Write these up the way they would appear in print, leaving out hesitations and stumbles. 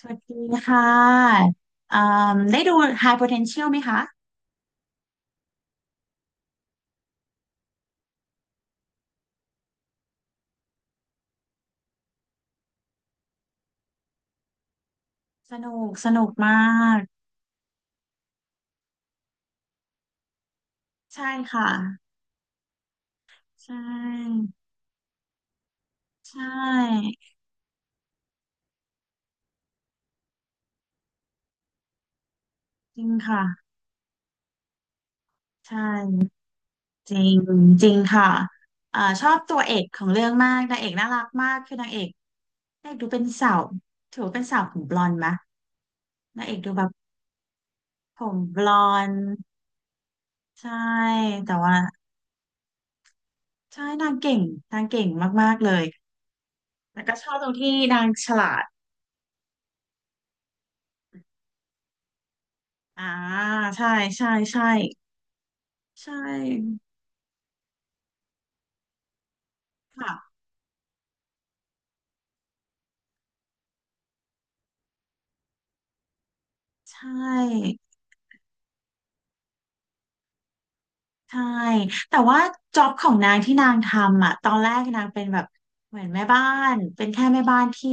สวัสดีค่ะอ่าได้ดู High Potential ไหมคะ สนุกมาก ใช่ค่ะ ใช่ ใช่ จริงค่ะ ใช่ จริงจริงค่ะอ่าชอบตัวเอกของเรื่องมากนางเอกน่ารักมากคือนางเอกนางเอกดูเป็นสาวถือว่าเป็นสาวผมบลอนด์ไหมนางเอกดูแบบผมบลอนด์ใช่ แต่ว่าใช่นางเก่ง นางเก่งมากๆเลยแล้วก็ชอบตรงที่นางฉลาด อ่าใช่ใช่ใช่ใช่ค่ะใช่ใช่แต่ว่าจ็อบของนางที่นางทำอ่ะตอนแรกนางเป็นแบบเหมือนแม่บ้านเป็นแค่แม่บ้านที่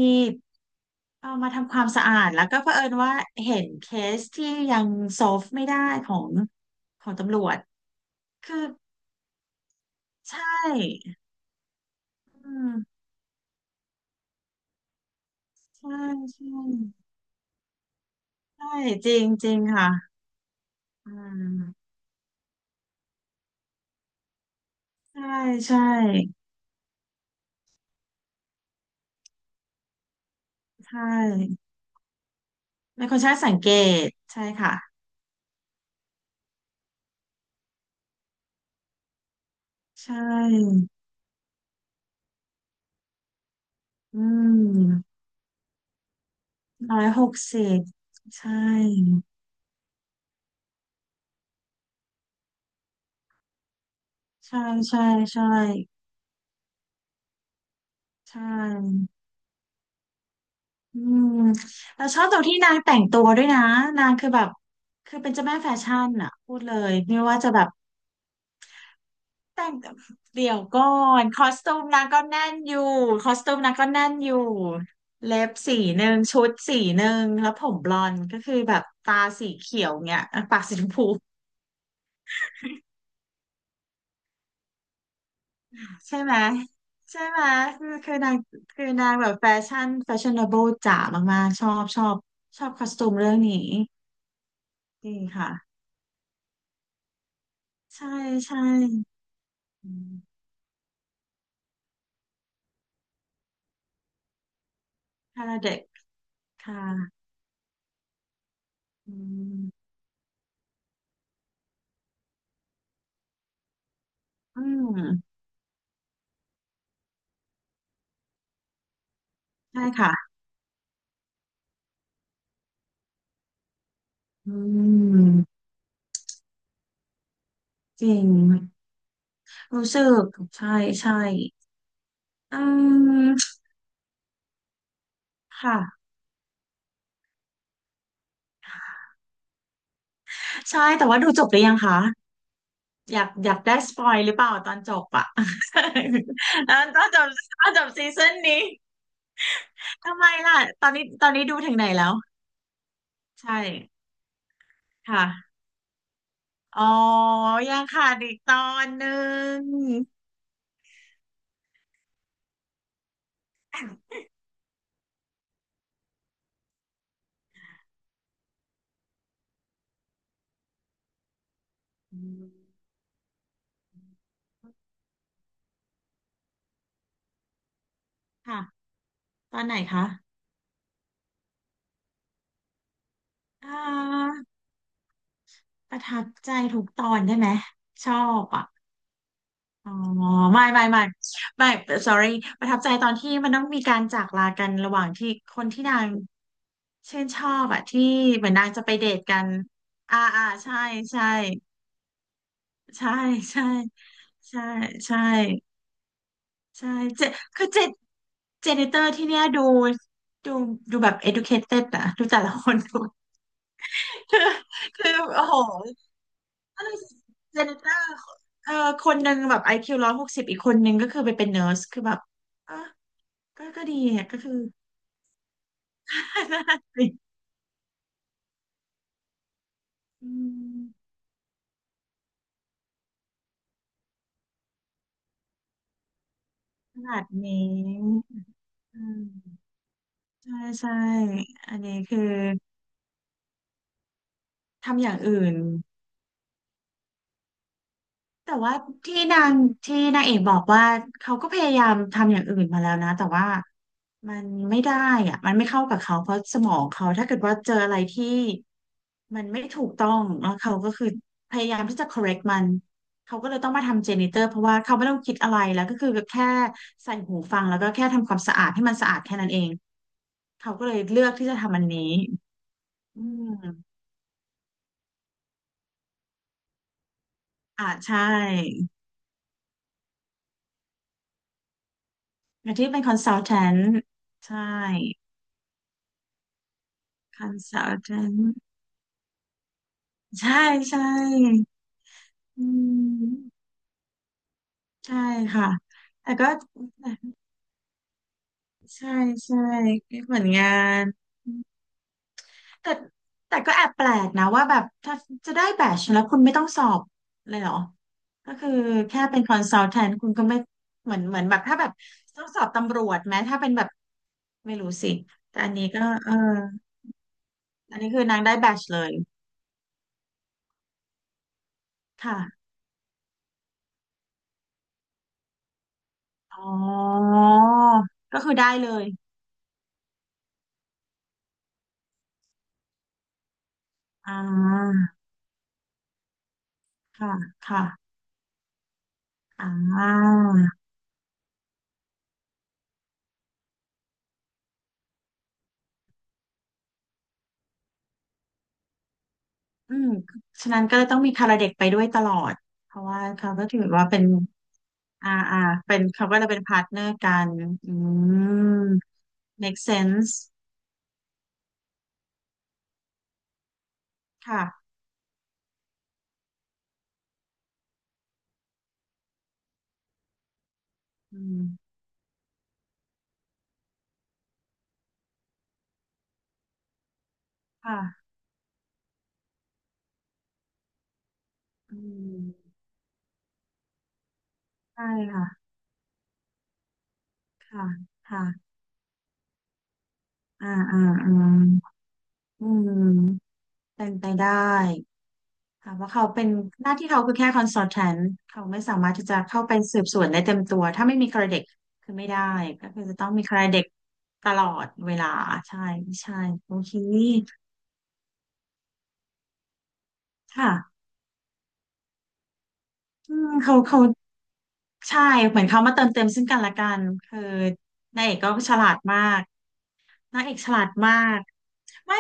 เอามาทำความสะอาดแล้วก็เผอิญว่าเห็นเคสที่ยังโซฟไม่ได้ของของตำรวจคือใช่อืมใช่ใช่ใช่จริงจริงค่ะอืมใช่ใช่ใช่ เป็นคนช่างสังเกตใช่ค่ะใช่อืม160ใช่ใช่ใช่ใช่ใช่อืมเราชอบตรงที่นางแต่งตัวด้วยนะนางคือแบบคือเป็นเจ้าแม่แฟชั่นอะพูดเลยไม่ว่าจะแบบแต่งเดี๋ยวก่อนคอสตูมนางก็แน่นอยู่คอสตูมนางก็แน่นอยู่เล็บสีหนึ่งชุดสีหนึ่งแล้วผมบลอนด์ก็คือแบบตาสีเขียวเงี้ยปากสีชมพู ใช่ไหมใช่ไหมคือคือนางคือนางแบบแฟชั่นแฟชั่น n น b บ e จ๋ามากๆชอบชอบชอบคอสตูมเรื่องนี้จริงค่ะใช่ใช่อืมคาราเด็กค่ะอืมอืมใช่ค่ะอืมจริงรู้สึกใช่ใช่อืมค่ะใช่แต่ว่าดูจบหรือยังคะอยากอยากได้สปอยหรือเปล่าตอนจบอะ ตอนจบตอนจบซีซั่นนี้ ทำไมล่ะตอนนี้ตอนนี้ดูถึงไหนแล้วใช่ค่ะอ๋อยังขาดอีกตอนหนึ่ง อืมค่ะตอนไหนคะอ่าประทับใจทุกตอนได้ไหมชอบอ่ะอ๋อไม่ไม่ไม่ไม่ sorry ประทับใจตอนที่มันต้องมีการจากลากันระหว่างที่คนที่นางชื่นชอบอ่ะที่เหมือนนางจะไปเดทกันอ่าอ่าใช่ใช่ใช่ใช่ใช่ใช่ ใช่ เจคือเจเจเนเตอร์ที่เนี้ยดูดู ดูแบบ educated อะดูแต่ละคนดู คือคือโอ้โหเจเนเตอร์คนหนึ่งแบบไอคิวร้อยหกสิบอีกคนหนึ่งก็คือไปเป็นเน r ร์สคือแบบเออก็ก็ดีอะก็คือ น่าสิอืมขนาดนี้อืมใช่ใช่อันนี้คือทำอย่างอื่น แต่ว่าที่นางที่นางเอกบอกว่าเขาก็พยายามทำอย่างอื่นมาแล้วนะแต่ว่ามันไม่ได้อะมันไม่เข้ากับเขาเพราะสมองเขาถ้าเกิดว่าเจออะไรที่มันไม่ถูกต้องแล้วเขาก็คือพยายามที่จะ correct มันเขาก็เลยต้องมาทำเจเนเตอร์เพราะว่าเขาไม่ต้องคิดอะไรแล้วก็คือแค่ใส่หูฟังแล้วก็แค่ทำความสะอาดให้มันสะอาดแค่นั้นเองเขาก็เลยเลือกที่จะทำอันนี้อืมอ่าใช่แต่ที่เป็น consultant ใช่ consultant ใช่ใช่อืมใช่ค่ะแต่ก็ใช่ใช่เหมือนงานแต่แต่ก็แอบแปลกนะว่าแบบถ้าจะได้แบชแล้วคุณไม่ต้องสอบเลยเหรอก็คือแค่เป็นคอนซัลแทนคุณก็ไม่เหมือนเหมือนแบบถ้าแบบต้องสอบตำรวจไหมถ้าเป็นแบบไม่รู้สิแต่อันนี้ก็เอออันนี้คือนางได้แบชเลยค่ะอ๋อก็คือได้เลยอ่าค่ะค่ะ อ่าอืมฉะนั้นก็เลยต้องมีคาราเด็กไปด้วยตลอด เพราะว่าเขาก็ถือว่าเป็นอ่าอ่าเป็นเขาก็จะเป็นพาร์ทเนอร์กันอืม make sense ค่ะอืมค่ะอืมใช่ค่ะค่ะค่ะอ่าอ่าอืมอืมเป็นไปได้ ค่ะว่าะเขาเป็นหน้าที่เขาคือแค่คอนซ l t แ n นเขาไม่สามารถที่จะเข้าไปสืบสวนได้เต็มตัวถ้าไม่มีค r เด็ t คือไม่ได้ก็คือจะต้องมีค r เด็ t ตลอดเวลาใช่ใช่โอเคค่ะอืมเขาใช่เหมือนเขามาเติมเต็มซึ่งกันและกันคือนายเอกก็ฉลาดมากนางเอกฉลาดมากไม่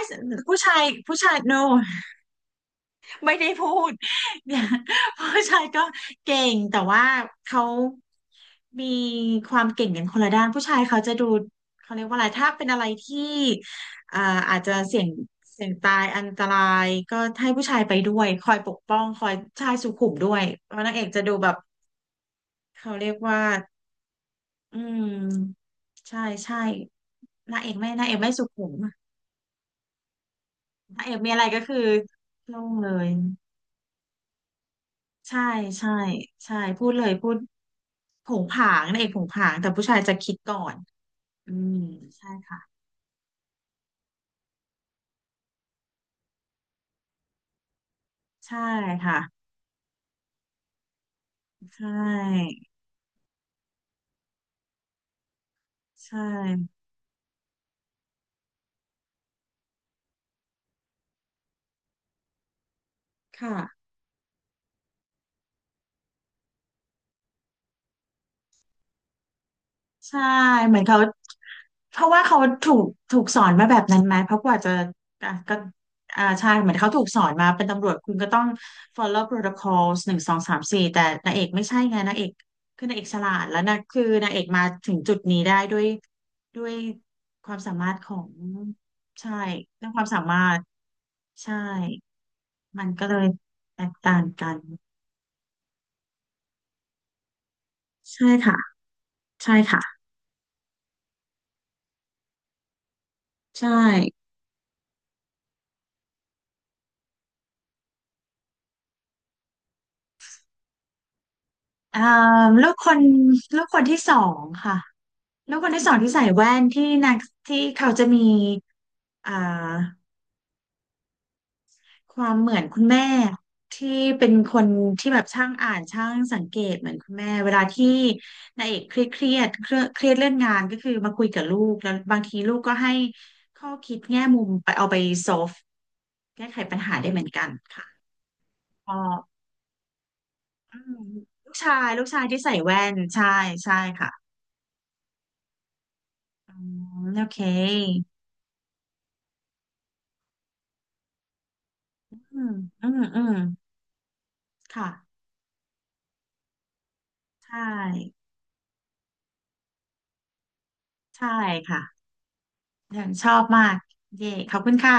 ผู้ชายผู้ชาย no ไม่ได้พูด เนี่ยเพราะชายก็เก่งแต่ว่าเขามีความเก่งกันคนละด้านผู้ชายเขาจะดูเขาเรียกว่าอะไรถ้าเป็นอะไรที่อ่าอาจจะเสี่ยงเสี่ยงตายอันตรายก็ให้ผู้ชายไปด้วยคอยปกป้องคอยชายสุขุมด้วยเพราะนางเอกจะดูแบบเขาเรียกว่าอืมใช่ใช่นางเอกไม่นางเอกไม่สุขุมนางเอกมีอะไรก็คือโล่งเลย ใช่ใช่ใช่พูดเลยพูดผงผางนางเอกผงผางแต่ผู้ชายจะคิดก่อนอืมใช่ค่ะใช่ค่ะใช่ใช่ค่ะ ใช่เหมือนเขาเพราะว่าเขาถูกสอนมาแบบนั้นไหมเพราะกว่าจะอ่ะก็อ่าใช่เหมือนเขาถูกสอนมาเป็นตำรวจคุณก็ต้อง follow protocols 1 2 3 4แต่นางเอกไม่ใช่ไงนางเอกคือนางเอกฉลาดแล้วนะคือนางเอกมาถึงจุดนี้ได้ด้วยด้วยความสามารถของใช่ด้วยความสามารถใช่มันก็เลยแตกต่างกันใช่ค่ะใช่ค่ะใช่อ่าลูกคนลูกคนที่สองค่ะ แล้วคนที่สองที่ใส่แว่นที่นางที่เขาจะมีอ่าความเหมือนคุณแม่ที่เป็นคนที่แบบช่างอ่านช่างสังเกตเหมือนคุณแม่เวลาที่นายเอกเครียดเครียดเครียดเครียดเรื่องงานก็คือมาคุยกับลูกแล้วบางทีลูกก็ให้ข้อคิดแง่มุมไปเอาไปโซฟแก้ไขปัญหาได้เหมือนกันค่ะพออืมลูกชายที่ใส่แว่นใช่ใช่ค่ะอืมโอเคอืมอืมอืมค่ะใช่ ใช่ค่ะยังชอบมากเย่ขอบคุณค่ะ